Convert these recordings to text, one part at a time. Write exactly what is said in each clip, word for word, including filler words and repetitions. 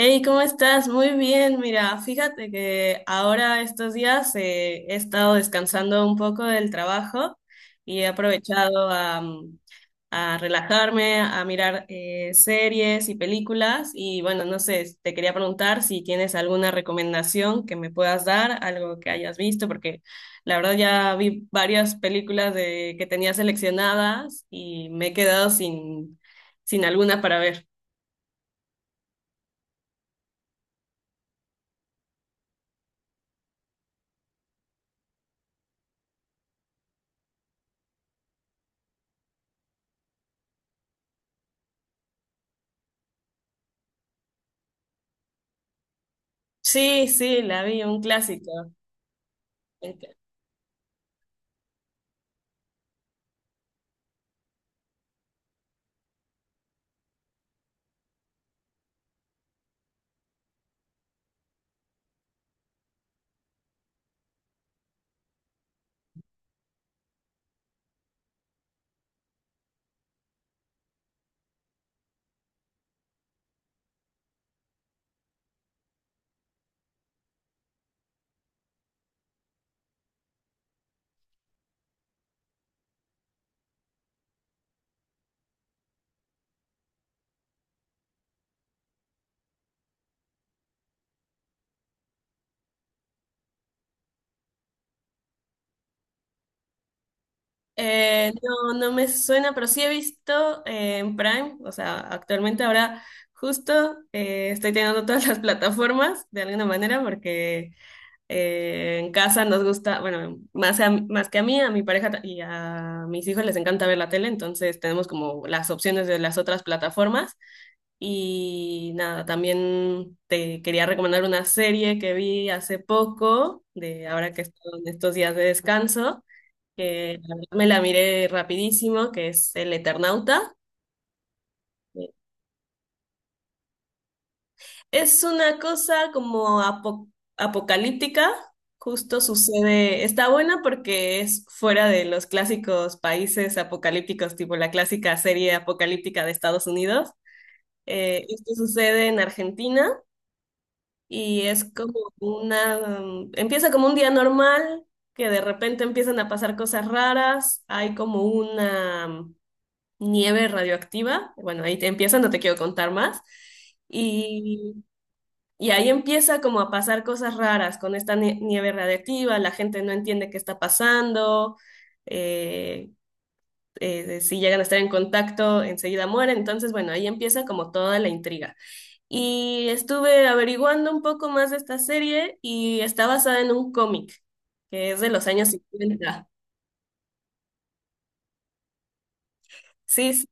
Hey, ¿cómo estás? Muy bien, mira, fíjate que ahora estos días eh, he estado descansando un poco del trabajo y he aprovechado a, mm, a relajarme, a mirar eh, series y películas y bueno, no sé, te quería preguntar si tienes alguna recomendación que me puedas dar, algo que hayas visto, porque la verdad ya vi varias películas de, que tenía seleccionadas y me he quedado sin, sin alguna para ver. Sí, sí, la vi, un clásico. Ok. Eh, no, no me suena, pero sí he visto eh, en Prime, o sea, actualmente ahora justo eh, estoy teniendo todas las plataformas de alguna manera porque eh, en casa nos gusta, bueno, más, a- más que a mí, a mi pareja ta- y a mis hijos les encanta ver la tele, entonces tenemos como las opciones de las otras plataformas y nada, también te quería recomendar una serie que vi hace poco, de ahora que estoy en estos días de descanso que la verdad me la miré rapidísimo, que es El Eternauta. Es una cosa como apo- apocalíptica, justo sucede, está buena porque es fuera de los clásicos países apocalípticos, tipo la clásica serie apocalíptica de Estados Unidos. Eh, esto sucede en Argentina y es como una, mm, empieza como un día normal, que de repente empiezan a pasar cosas raras, hay como una nieve radioactiva. Bueno, ahí te empieza, no te quiero contar más. Y, y ahí empieza como a pasar cosas raras con esta nie- nieve radiactiva, la gente no entiende qué está pasando, eh, eh, de- si llegan a estar en contacto, enseguida mueren. Entonces, bueno, ahí empieza como toda la intriga. Y estuve averiguando un poco más de esta serie y está basada en un cómic que es de los años cincuenta. Sí, sí.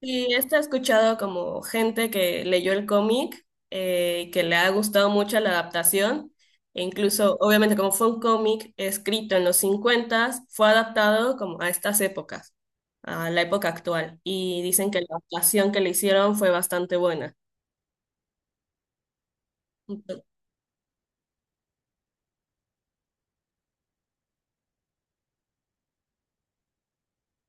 Y esto he escuchado como gente que leyó el cómic, eh, que le ha gustado mucho la adaptación, e incluso, obviamente, como fue un cómic escrito en los cincuenta, fue adaptado como a estas épocas, a la época actual, y dicen que la adaptación que le hicieron fue bastante buena.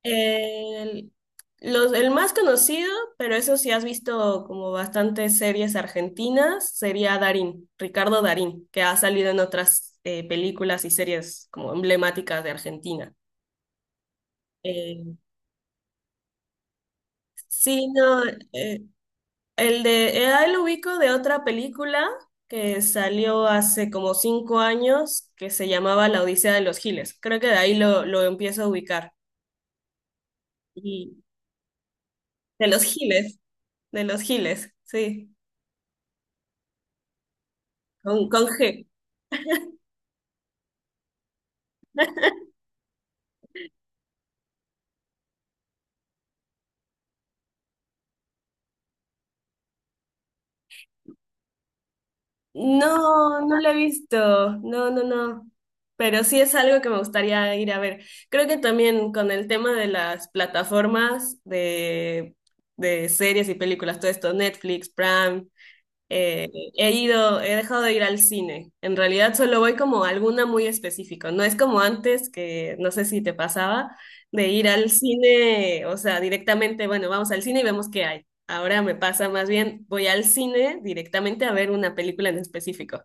El, los, el más conocido, pero eso sí has visto como bastantes series argentinas, sería Darín, Ricardo Darín, que ha salido en otras eh, películas y series como emblemáticas de Argentina. Eh, sí, no, eh, el de, eh, ahí lo ubico de otra película que salió hace como cinco años que se llamaba La Odisea de los Giles. Creo que de ahí lo, lo empiezo a ubicar. Y de los Giles, de los Giles, sí, con, con G. No, no la he visto. No, no, no. Pero sí es algo que me gustaría ir a ver. Creo que también con el tema de las plataformas de, de series y películas, todo esto, Netflix, Prime, eh, he ido, he dejado de ir al cine. En realidad solo voy como a alguna muy específica. No es como antes, que no sé si te pasaba, de ir al cine, o sea, directamente, bueno, vamos al cine y vemos qué hay. Ahora me pasa más bien, voy al cine directamente a ver una película en específico.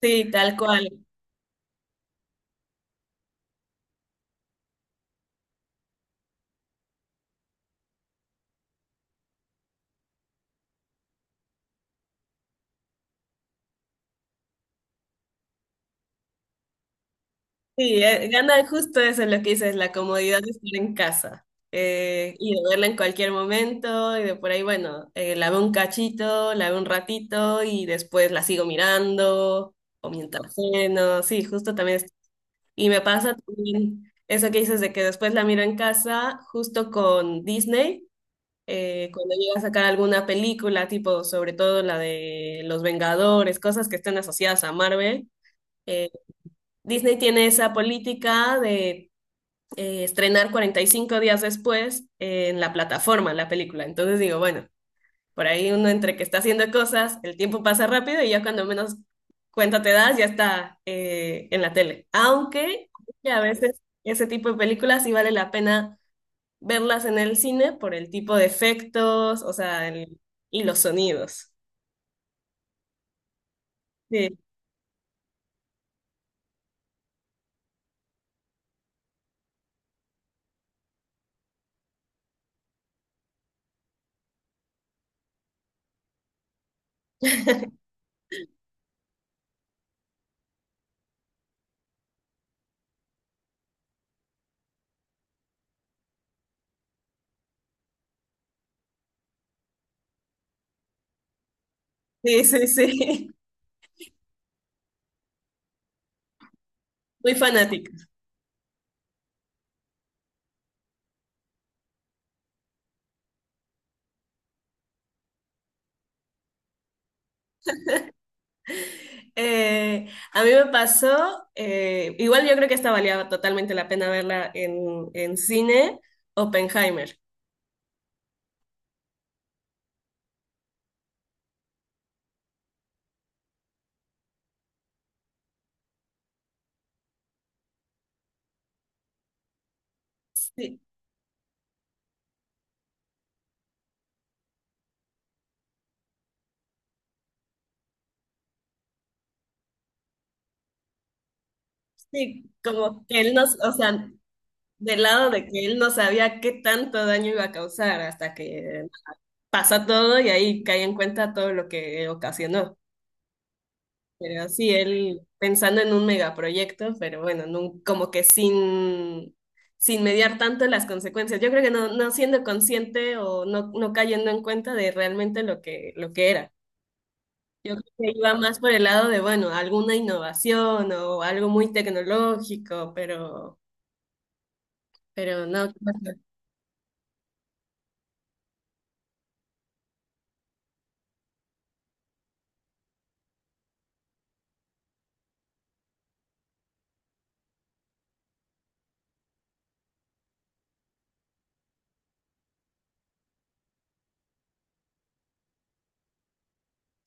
Sí, tal cual. Sí, eh, gana justo eso es lo que dices, la comodidad de estar en casa eh, y de verla en cualquier momento y de por ahí, bueno, eh, la veo un cachito, la veo un ratito y después la sigo mirando o mientras ceno, sí, justo también. es- Y me pasa también eso que dices de que después la miro en casa justo con Disney, eh, cuando llega a sacar alguna película, tipo sobre todo la de Los Vengadores, cosas que estén asociadas a Marvel. eh, Disney tiene esa política de eh, estrenar cuarenta y cinco días después eh, en la plataforma, la película. Entonces digo, bueno, por ahí uno entre que está haciendo cosas, el tiempo pasa rápido y ya cuando menos cuenta te das, ya está eh, en la tele. Aunque sí, a veces ese tipo de películas sí vale la pena verlas en el cine por el tipo de efectos, o sea, el- y los sonidos. Sí, sí, sí, sí. Muy fanática. Eh, a mí me pasó, eh, igual yo creo que esta valía totalmente la pena verla en, en cine, Oppenheimer. Sí, sí, como que él nos, o sea, del lado de que él no sabía qué tanto daño iba a causar hasta que pasa todo y ahí cae en cuenta todo lo que ocasionó. Pero sí, él pensando en un megaproyecto, pero bueno, nun- como que sin, sin, mediar tanto las consecuencias. Yo creo que no, no siendo consciente o no, no cayendo en cuenta de realmente lo que, lo que era. Yo creo que iba más por el lado de, bueno, alguna innovación o algo muy tecnológico, pero, pero no. Qué pasa.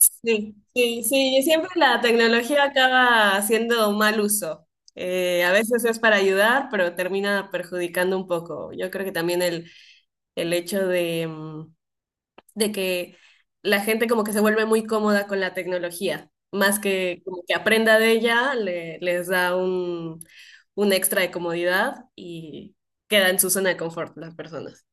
Sí, sí, sí, siempre la tecnología acaba haciendo mal uso. Eh, a veces es para ayudar, pero termina perjudicando un poco. Yo creo que también el el hecho de, mm, de que la gente como que se vuelve muy cómoda con la tecnología, más que como que aprenda de ella, le- les da un, un extra de comodidad y queda en su zona de confort las personas.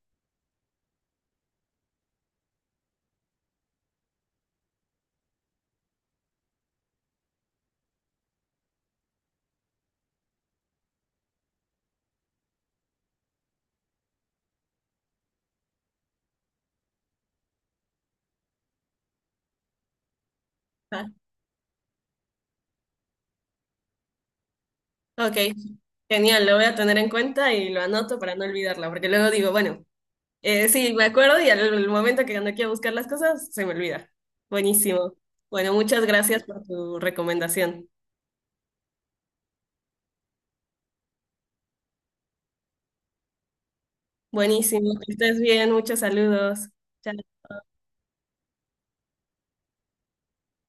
Ah, ok, genial, lo voy a tener en cuenta y lo anoto para no olvidarla, porque luego digo, bueno, eh, sí, me acuerdo y al, al momento que cuando quiero buscar las cosas, se me olvida. Buenísimo. Bueno, muchas gracias por tu recomendación. Buenísimo, que estés bien, muchos saludos. Chao.